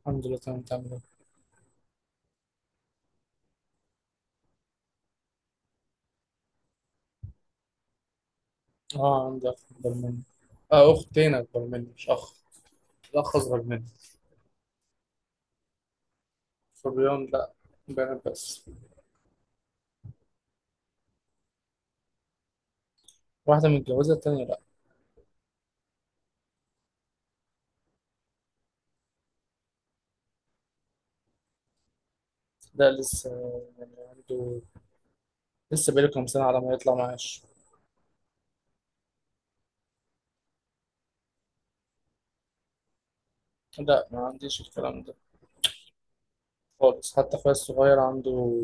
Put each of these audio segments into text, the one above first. الحمد لله، تمام. تعمل ايه؟ اه، عندي اخ اكبر مني. اه، اختين اكبر مني مش اخ. الاخ اصغر مني. صبيان؟ لا، بنات بس. واحده متجوزه، التانيه لا. ده لسه، يعني عنده لسه بقاله كام سنه على ما يطلع معاش. لا، ما عنديش الكلام ده خالص. حتى اخويا الصغير عنده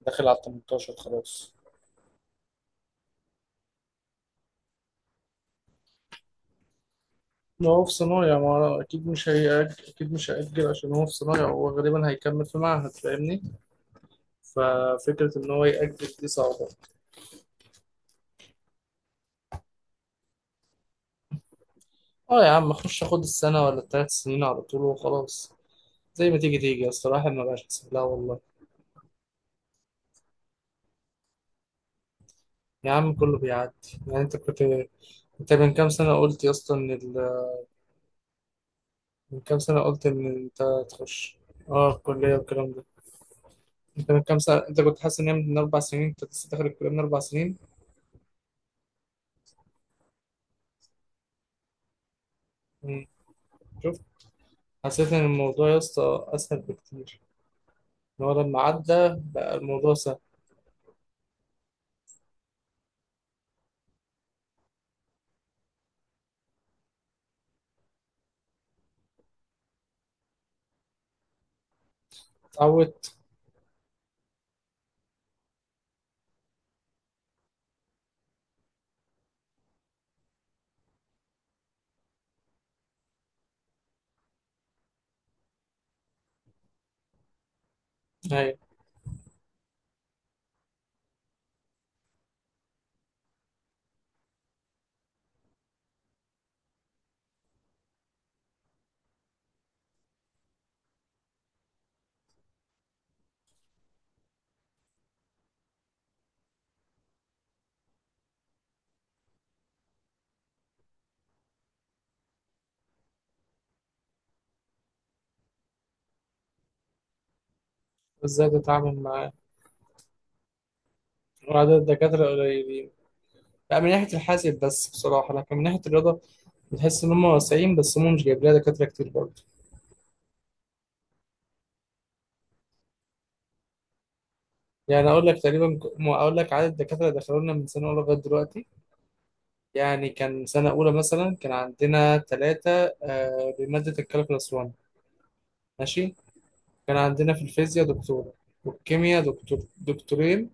داخل على 18 خلاص. ما هو في صنايع، ما هو أكيد مش هيأجل، أكيد مش هيأجل عشان هو في صنايع. هو غالبا هيكمل في معهد، فاهمني؟ ففكرة إن هو يأجل دي صعبة. اه يا عم، اخش اخد السنة ولا 3 سنين على طول وخلاص. زي ما تيجي تيجي، اصل الواحد ما بقاش حاسب لها والله. يا عم، كله بيعدي. يعني انت كنت انت من كام سنة قلت يا اسطى ان ال... من كام سنة قلت ان انت تخش. اه، الكلية والكلام ده. انت من كام سنة، انت كنت حاسس ان هي من 4 سنين، انت لسه داخل الكلية من 4 سنين. مم. شفت، حسيت ان الموضوع يا اسطى اسهل بكتير، ان هو لما عدى بقى الموضوع سهل. اتعودت. ايوه، ازاي تتعامل معاه وعدد الدكاترة قليلين. لا، من ناحية الحاسب بس بصراحة، لكن من ناحية الرياضة بتحس إن هم واسعين، بس هم مش جايب لها دكاترة كتير برضه. يعني أقول لك تقريبا، أقول لك عدد الدكاترة اللي دخلوا لنا من سنة أولى لغاية دلوقتي. يعني كان سنة أولى مثلا كان عندنا ثلاثة، بمادة الكالكولاس 1، ماشي. كان عندنا في الفيزياء دكتور، والكيمياء دكتورين.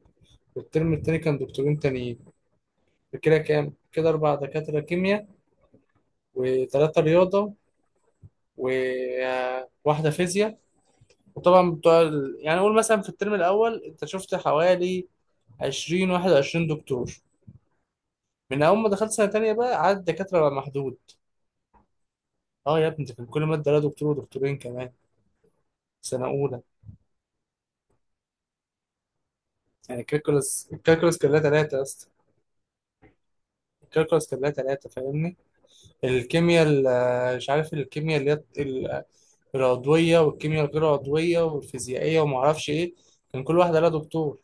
والترم التاني كان دكتورين تانيين. فكده كام؟ كده أربع دكاترة كيمياء، وثلاثة رياضة، وواحدة فيزياء. وطبعا بتوع يعني قول مثلا في الترم الاول انت شفت حوالي 20 21 دكتور. من اول ما دخلت سنه تانية بقى عدد الدكاتره بقى محدود. اه يا ابني، ده كان كل ماده لها دكتور ودكتورين كمان، سنه اولى. يعني الكالكولس كان لها ثلاثه يا اسطى. الكالكولس كان لها ثلاثه، فاهمني؟ الكيمياء مش عارف، الكيمياء العضويه والكيمياء الغير عضويه والفيزيائيه وما اعرفش ايه، كان كل واحده لها دكتور.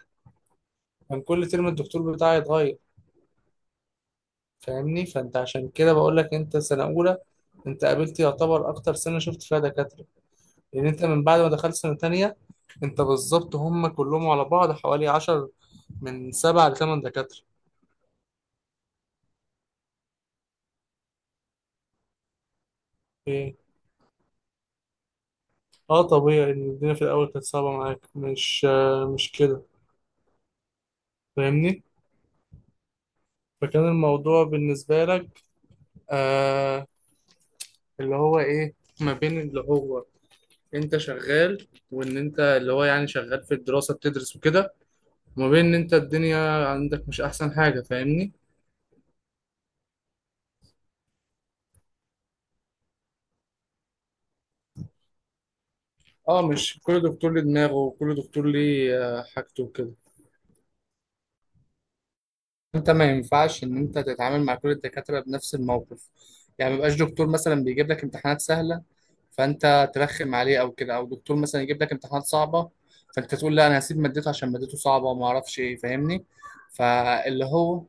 كان كل ترم الدكتور بتاعي يتغير، فاهمني؟ فانت عشان كده بقول لك، انت سنه اولى انت قابلت يعتبر اكتر سنه شفت فيها دكاتره. لان انت من بعد ما دخلت سنه تانية، انت بالظبط هم كلهم على بعض حوالي 10، من 7 ل 8 دكاتره. ايه؟ اه طبيعي ان الدنيا في الاول كانت صعبه معاك، مش مش كده؟ فاهمني. فكان الموضوع بالنسبه لك آه اللي هو ايه، ما بين اللي هو انت شغال، وان انت اللي هو يعني شغال في الدراسه بتدرس وكده، وما بين ان انت الدنيا عندك مش احسن حاجة، فاهمني؟ اه، مش كل دكتور ليه دماغه، وكل دكتور ليه حاجته وكده. انت ما ينفعش ان انت تتعامل مع كل الدكاترة بنفس الموقف. يعني ما يبقاش دكتور مثلا بيجيب لك امتحانات سهلة فانت ترخم عليه او كده، او دكتور مثلا يجيب لك امتحانات صعبة فانت تقول لا انا هسيب مادته عشان مادته صعبة وما اعرفش ايه، فاهمني؟ فاللي هو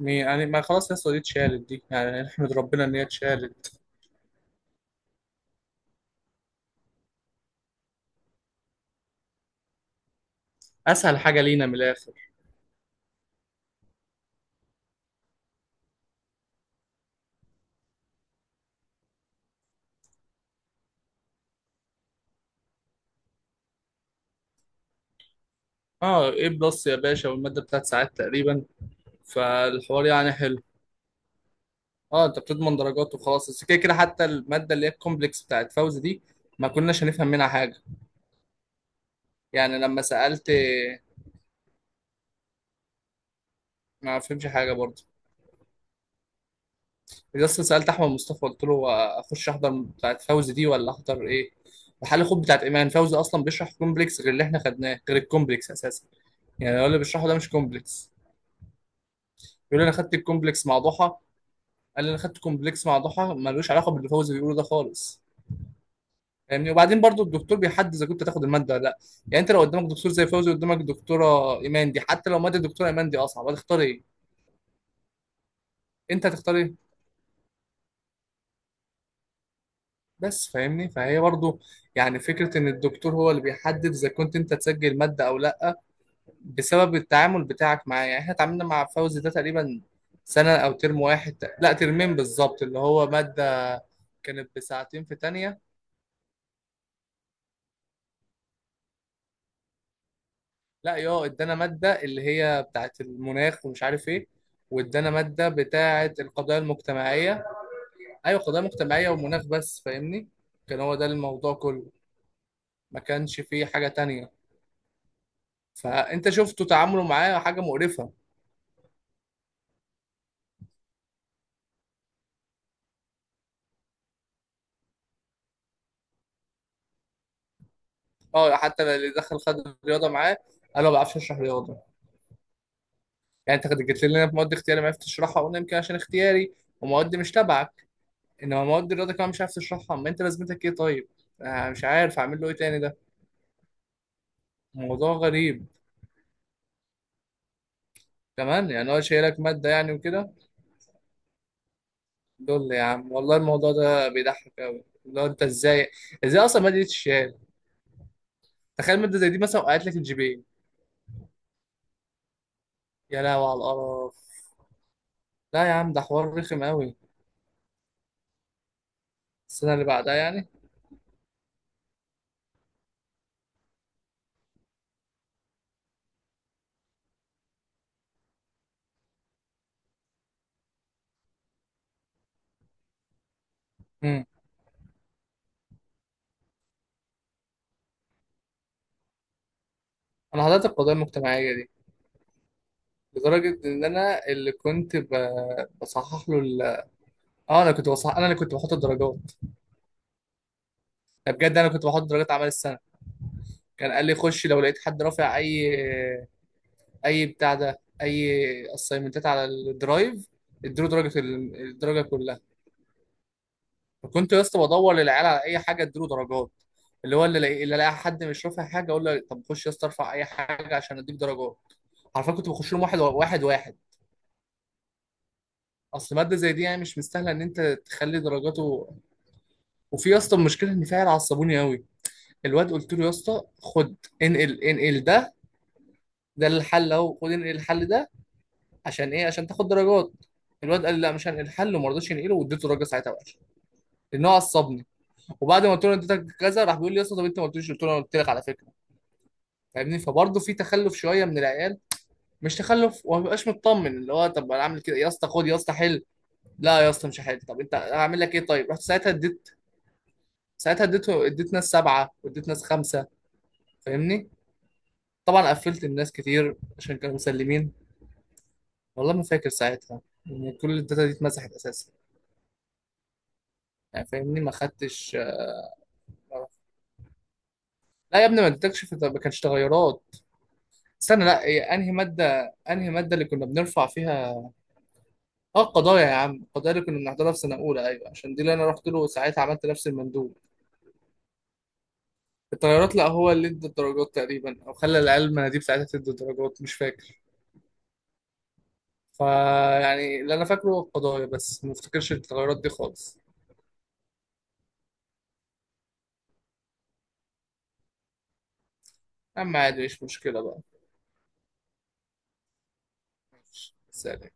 يعني ما خلاص يا اسطى، دي اتشالت، دي يعني نحمد ربنا ان هي اتشالت. اسهل حاجة لينا من الاخر. اه ايه بلس يا باشا، والماده بتاعت ساعات تقريبا، فالحوار يعني حلو. اه، انت بتضمن درجات وخلاص. بس كده كده حتى الماده اللي هي الكومبلكس بتاعت فوز دي ما كناش هنفهم منها حاجه. يعني لما سالت، ما فهمش حاجه برضه. لسه سالت احمد مصطفى، قلت له هو اخش احضر بتاعت فوز دي ولا احضر ايه، وحل خد بتاعت ايمان. فوزي اصلا بيشرح كومبلكس غير اللي احنا خدناه، غير الكومبلكس اساسا. يعني هو اللي بيشرحه ده مش كومبلكس. يقول لي انا خدت الكومبلكس مع ضحى، قال لي انا خدت كومبلكس مع ضحى ملوش علاقه باللي فوزي بيقوله ده خالص، فاهمني؟ وبعدين برضو الدكتور بيحدد اذا كنت تاخد الماده ولا لا. يعني انت لو قدامك دكتور زي فوزي، قدامك دكتوره ايمان دي، حتى لو ماده الدكتوره ايمان دي اصعب، هتختار ايه؟ انت هتختار ايه؟ بس فاهمني، فهي برضو، يعني فكره ان الدكتور هو اللي بيحدد اذا كنت انت تسجل ماده او لا، بسبب التعامل بتاعك معاه. يعني احنا اتعاملنا مع فوزي ده تقريبا سنه، او ترم واحد، لا ترمين بالظبط، اللي هو ماده كانت بساعتين في تانية. لا، يا ادانا ماده اللي هي بتاعت المناخ ومش عارف ايه، وادانا ماده بتاعت القضايا المجتمعيه. ايوه، قضيه مجتمعيه ومناخ بس، فاهمني؟ كان هو ده الموضوع كله، ما كانش فيه حاجه تانية. فانت شفته تعامله معاه حاجه مقرفه. اه، حتى اللي دخل خد رياضه معاه قال له ما بعرفش اشرح رياضه. يعني انت جيت لنا في مواد اختياري ما عرفتش تشرحها، قلنا يمكن عشان اختياري ومواد مش تبعك، انما مواد الرياضه كمان مش عارف تشرحها، ما انت لازمتك ايه طيب؟ مش عارف اعمل له ايه تاني ده، موضوع غريب. كمان يعني هو شايلك ماده يعني وكده. دول يا عم والله الموضوع ده بيضحك قوي، لو انت ازاي، ازاي اصلا ما اديتش. تخيل مادة زي دي مثلا وقعت لك الجي بي اي، يا لهوي على القرف. لا يا عم، ده حوار رخم قوي. السنة اللي بعدها يعني. امم انا حضرت القضايا المجتمعية دي، لدرجة ان انا اللي كنت ب... بصحح له ال... اه، انا كنت بصحح، انا اللي كنت بحط الدرجات. ده بجد، انا كنت بحط درجات اعمال السنة. كان قال لي خش لو لقيت حد رافع اي، اي بتاع ده، اي اسايمنتات على الدرايف، اديله درجة الدرجة كلها. كنت يا اسطى بدور للعيال على اي حاجه اديله درجات. اللي هو اللي لاقي حد مش رافع حاجه اقول له طب خش يا اسطى، ارفع اي حاجه عشان اديك درجات. عارفين، كنت بخش لهم واحد واحد واحد. اصل ماده زي دي يعني مش مستاهله ان انت تخلي درجاته. وفي يا اسطى المشكله، ان في عيال عصبوني قوي. الواد قلت له يا اسطى خد، انقل ده، ده الحل اهو، خد انقل الحل ده. عشان ايه؟ عشان تاخد درجات. الواد قال لي لا مش هنقل الحل، وما رضاش ينقله، واديته درجه ساعتها وحشه لان هو عصبني. وبعد ما قلت له اديتك كذا، راح بيقول لي يا اسطى طب انت ما قلتليش، قلت له انا قلت لك على فكره، فاهمني؟ فبرضه في تخلف شويه من العيال، مش تخلف، وما ببقاش مطمن اللي هو طب انا اعمل كده يا اسطى، خد يا اسطى حل. لا يا اسطى مش هحل، طب انت هعمل لك ايه طيب؟ رحت ساعتها اديت ساعتها اديت ناس سبعه واديت ناس خمسه، فاهمني؟ طبعا قفلت الناس كتير عشان كانوا مسلمين. والله ما فاكر ساعتها، ان كل الداتا دي اتمسحت اساسا، يعني فاهمني، ما خدتش لا. يا ابني ما اديتكش ما كانش تغيرات. استنى لا إيه، انهي ماده اللي كنا بنرفع فيها؟ اه القضايا، يا عم القضايا اللي كنا بنحضرها في سنه اولى. ايوه عشان دي اللي انا رحت له ساعتها، عملت نفس المندوب. الطيارات، لا هو اللي ادى الدرجات تقريبا، او خلى العيال المناديب ساعتها تدي الدرجات، مش فاكر. فيعني اللي انا فاكره هو القضايا بس، ما افتكرش التغيرات دي خالص. اما عادي مش مشكله بقى. ماشي، سلام.